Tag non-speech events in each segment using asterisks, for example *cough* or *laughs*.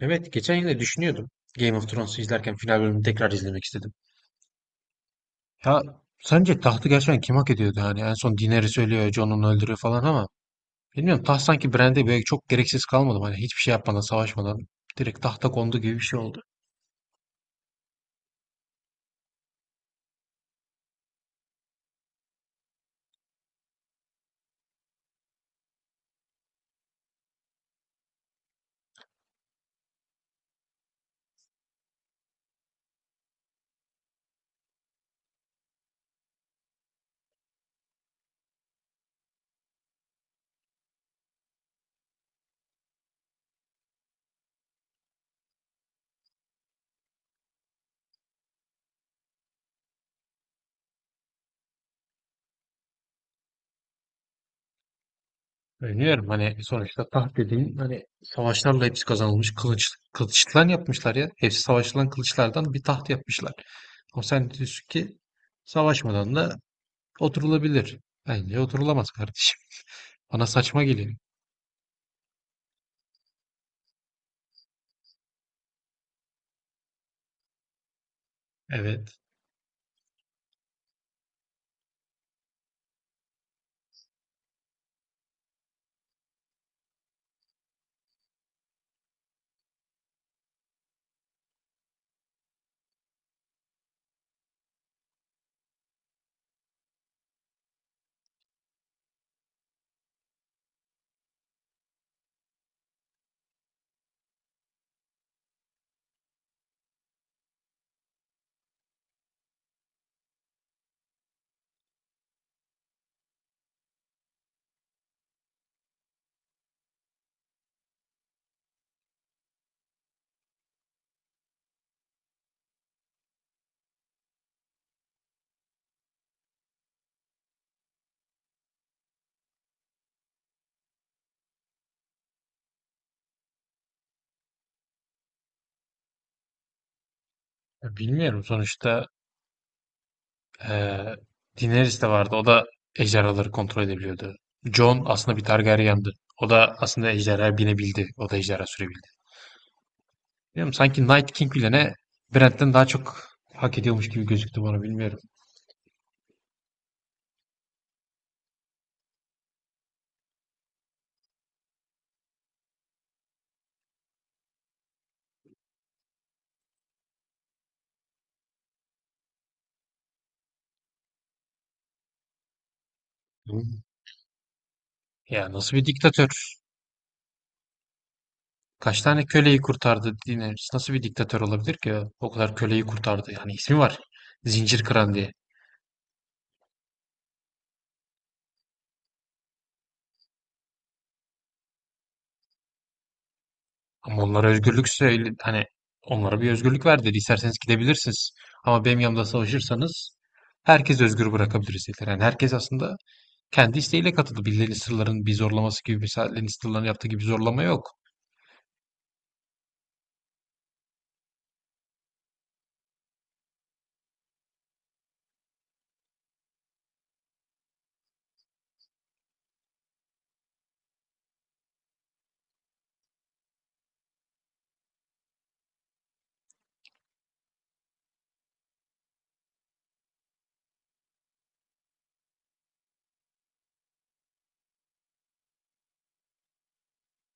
Evet, geçen yine düşünüyordum. Game of Thrones'u izlerken final bölümünü tekrar izlemek istedim. Ya sence tahtı gerçekten kim hak ediyordu, hani en son Daenerys ölüyor, Jon onu öldürüyor falan, ama bilmiyorum, taht sanki Bran'de böyle çok gereksiz kalmadı mı? Hani hiçbir şey yapmadan, savaşmadan direkt tahta kondu gibi bir şey oldu. Öneriyorum, hani sonuçta taht dediğin, hani savaşlarla hepsi kazanılmış, kılıçtan yapmışlar ya. Hepsi savaşılan kılıçlardan bir taht yapmışlar. Ama sen diyorsun ki savaşmadan da oturulabilir. Bence oturulamaz kardeşim. Bana saçma geliyor. Evet. Ya bilmiyorum sonuçta, eee Daenerys de vardı. O da ejderhaları kontrol edebiliyordu. Jon aslında bir Targaryen'dı. O da aslında ejderha binebildi. O da ejderha sürebildi. Bilmiyorum, sanki Night King bile ne Brent'ten daha çok hak ediyormuş gibi gözüktü bana, bilmiyorum. Hı. Ya nasıl bir diktatör? Kaç tane köleyi kurtardı Daenerys? Nasıl bir diktatör olabilir ki? O kadar köleyi kurtardı. Yani ismi var, zincir kıran diye. Ama onlara özgürlükse hani onlara bir özgürlük ver dedi. İsterseniz gidebilirsiniz. Ama benim yanımda savaşırsanız herkes özgür bırakabiliriz dediler. Yani herkes aslında kendi isteğiyle katıldı. Birilerinin sırların bir zorlaması gibi, birilerinin sırlarını yaptığı gibi bir zorlama yok.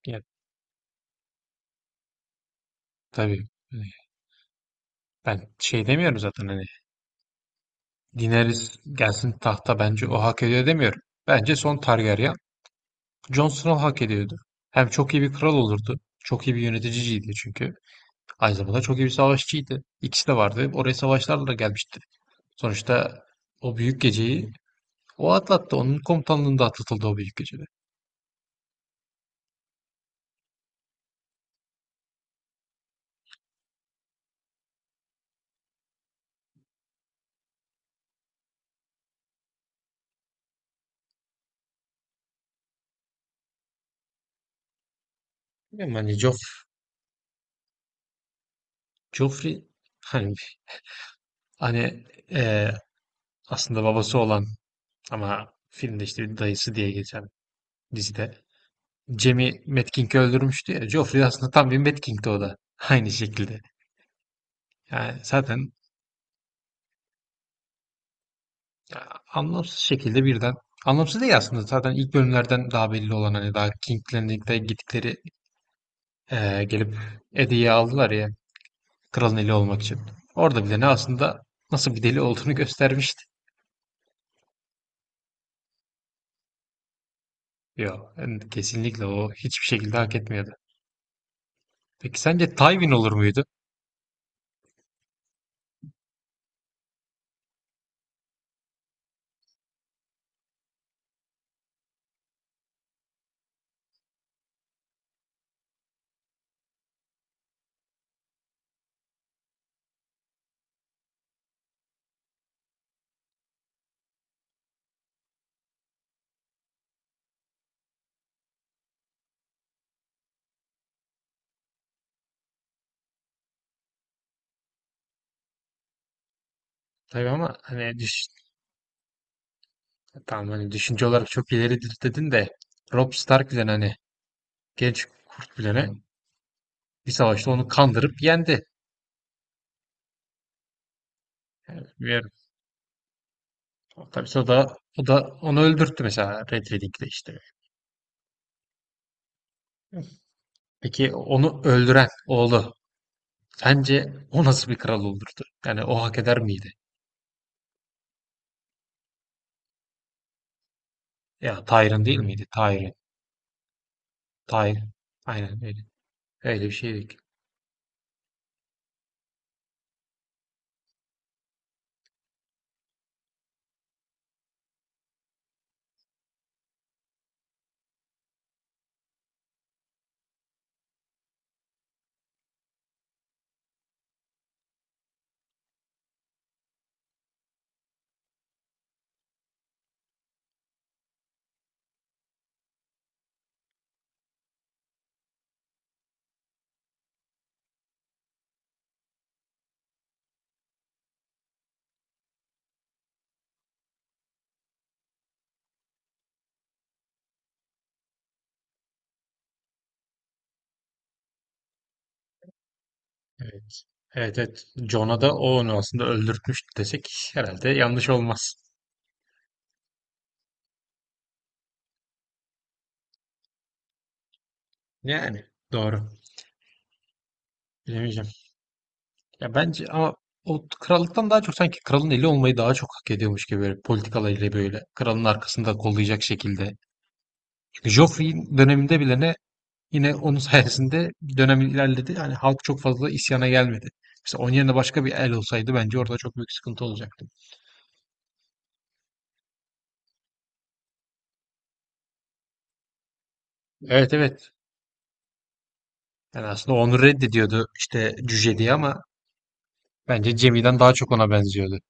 Ya tabii, e, ben şey demiyorum zaten, hani Daenerys gelsin tahta, bence o hak ediyor demiyorum. Bence son Targaryen Jon Snow hak ediyordu. Hem çok iyi bir kral olurdu. Çok iyi bir yöneticiydi çünkü. Aynı zamanda çok iyi bir savaşçıydı. İkisi de vardı. Oraya savaşlarla da gelmişti. Sonuçta o büyük geceyi o atlattı. Onun komutanlığında atlatıldı o büyük gecede. Bilmiyorum, hani Joffrey hani, hani eee, aslında babası olan ama filmde işte bir dayısı diye geçen, dizide Jaime Metkink'i öldürmüştü ya. Joffrey aslında tam bir Metkink'ti o da. *laughs* Aynı şekilde. Yani zaten ya, anlamsız şekilde birden. Anlamsız değil aslında. Zaten ilk bölümlerden daha belli olan, hani daha King'lerine gittikleri, gelip Edi'yi aldılar ya, kralın eli olmak için. Orada bile ne aslında nasıl bir deli olduğunu *laughs* göstermişti. Yok, kesinlikle o hiçbir şekilde hak etmiyordu. Peki sence Tywin olur muydu? Tabii ama hani tamam, hani düşünce olarak çok ileri dedin de Robb Stark bile hani, Genç Kurt bilene, bir savaşta onu kandırıp yendi. Ve tabii o da onu öldürttü mesela, Red Wedding'de işte. Peki onu öldüren oğlu, sence o nasıl bir kral olurdu? Yani o hak eder miydi? Ya Tyrion değil miydi? Tyrion. Tyrion. Aynen öyle. Öyle bir şeydi ki. Evet. Evet, evet. Jon'a da o onu aslında öldürtmüştü desek herhalde yanlış olmaz. Yani doğru. Bilemeyeceğim. Ya bence ama o krallıktan daha çok sanki kralın eli olmayı daha çok hak ediyormuş gibi, böyle politikalarıyla, böyle kralın arkasında kollayacak şekilde. Çünkü Joffrey'in döneminde bile ne, yine onun sayesinde dönem ilerledi. Yani halk çok fazla isyana gelmedi. Mesela onun yerine başka bir el olsaydı bence orada çok büyük sıkıntı olacaktı. Evet, evet. Yani aslında onu reddediyordu işte cüce diye, ama bence Cemil'den daha çok ona benziyordu.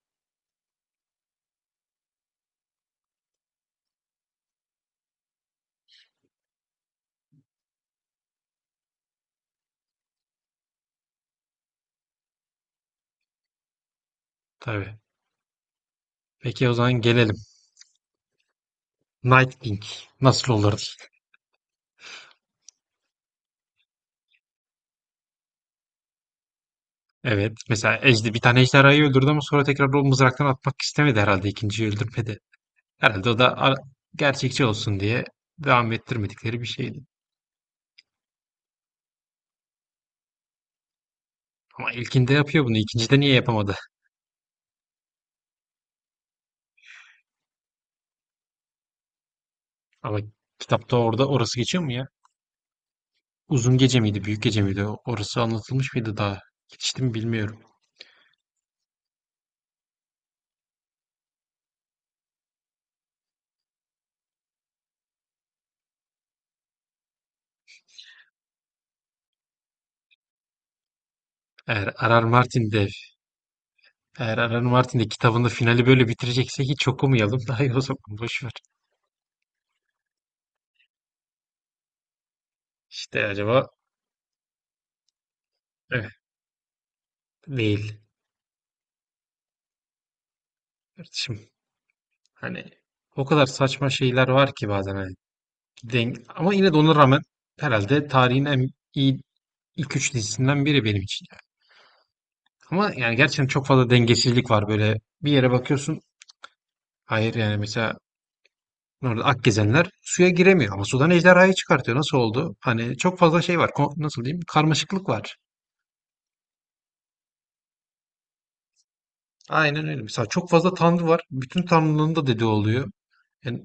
Tabii. Peki o zaman gelelim. Night King nasıl olurdu? Evet. Mesela bir tane ejderhayı öldürdü ama sonra tekrar o mızraktan atmak istemedi herhalde. İkinciyi öldürmedi. Herhalde o da gerçekçi olsun diye devam ettirmedikleri bir şeydi. Ama ilkinde yapıyor bunu. İkincide niye yapamadı? Ama kitapta orada orası geçiyor mu ya? Uzun gece miydi, büyük gece miydi? Orası anlatılmış mıydı daha? Geçti mi bilmiyorum. Eğer Arar Martin de eğer Arar Martin de kitabında finali böyle bitirecekse hiç okumayalım. *laughs* Daha iyi, o zaman boş ver. İşte acaba evet, değil kardeşim. Hani o kadar saçma şeyler var ki bazen. Hani, ama yine de ona rağmen herhalde tarihin en iyi ilk üç dizisinden biri benim için. Ama yani gerçekten çok fazla dengesizlik var böyle. Bir yere bakıyorsun. Hayır yani mesela orada Akgezenler suya giremiyor ama sudan ejderhayı çıkartıyor. Nasıl oldu? Hani çok fazla şey var. Nasıl diyeyim? Karmaşıklık var. Aynen öyle. Mesela çok fazla tanrı var. Bütün tanrılığın da dediği oluyor. Yani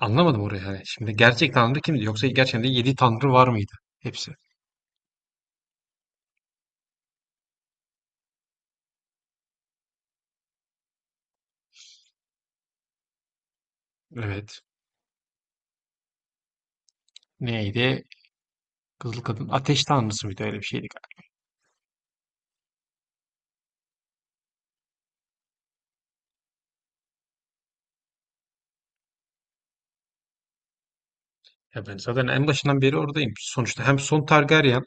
anlamadım orayı yani. Şimdi gerçek tanrı kimdi? Yoksa gerçekten de yedi tanrı var mıydı? Hepsi. Evet. Neydi? Kızıl kadın ateş tanrısı mıydı? Öyle bir şeydi galiba. Ya ben zaten en başından beri oradayım. Sonuçta hem son Targaryen,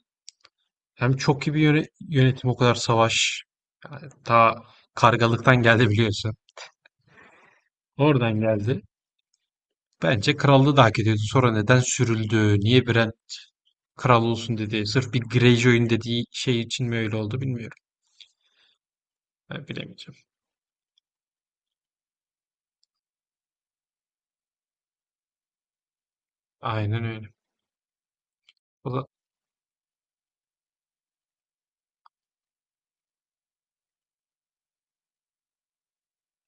hem çok iyi bir yönetim, o kadar savaş. Yani ta kargalıktan geldi biliyorsun. Oradan geldi. Bence krallığı da hak ediyordu. Sonra neden sürüldü? Niye Bran kral olsun dedi? Sırf bir Greyjoy'un dediği şey için mi öyle oldu bilmiyorum. Ben bilemeyeceğim. Aynen öyle. O da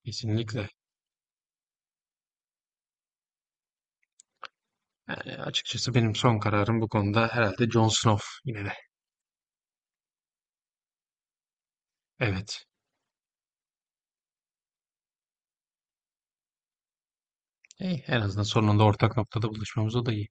kesinlikle. Yani açıkçası benim son kararım bu konuda herhalde Jon Snow yine de. Evet. Eh, en azından sonunda ortak noktada buluşmamız, o da iyi.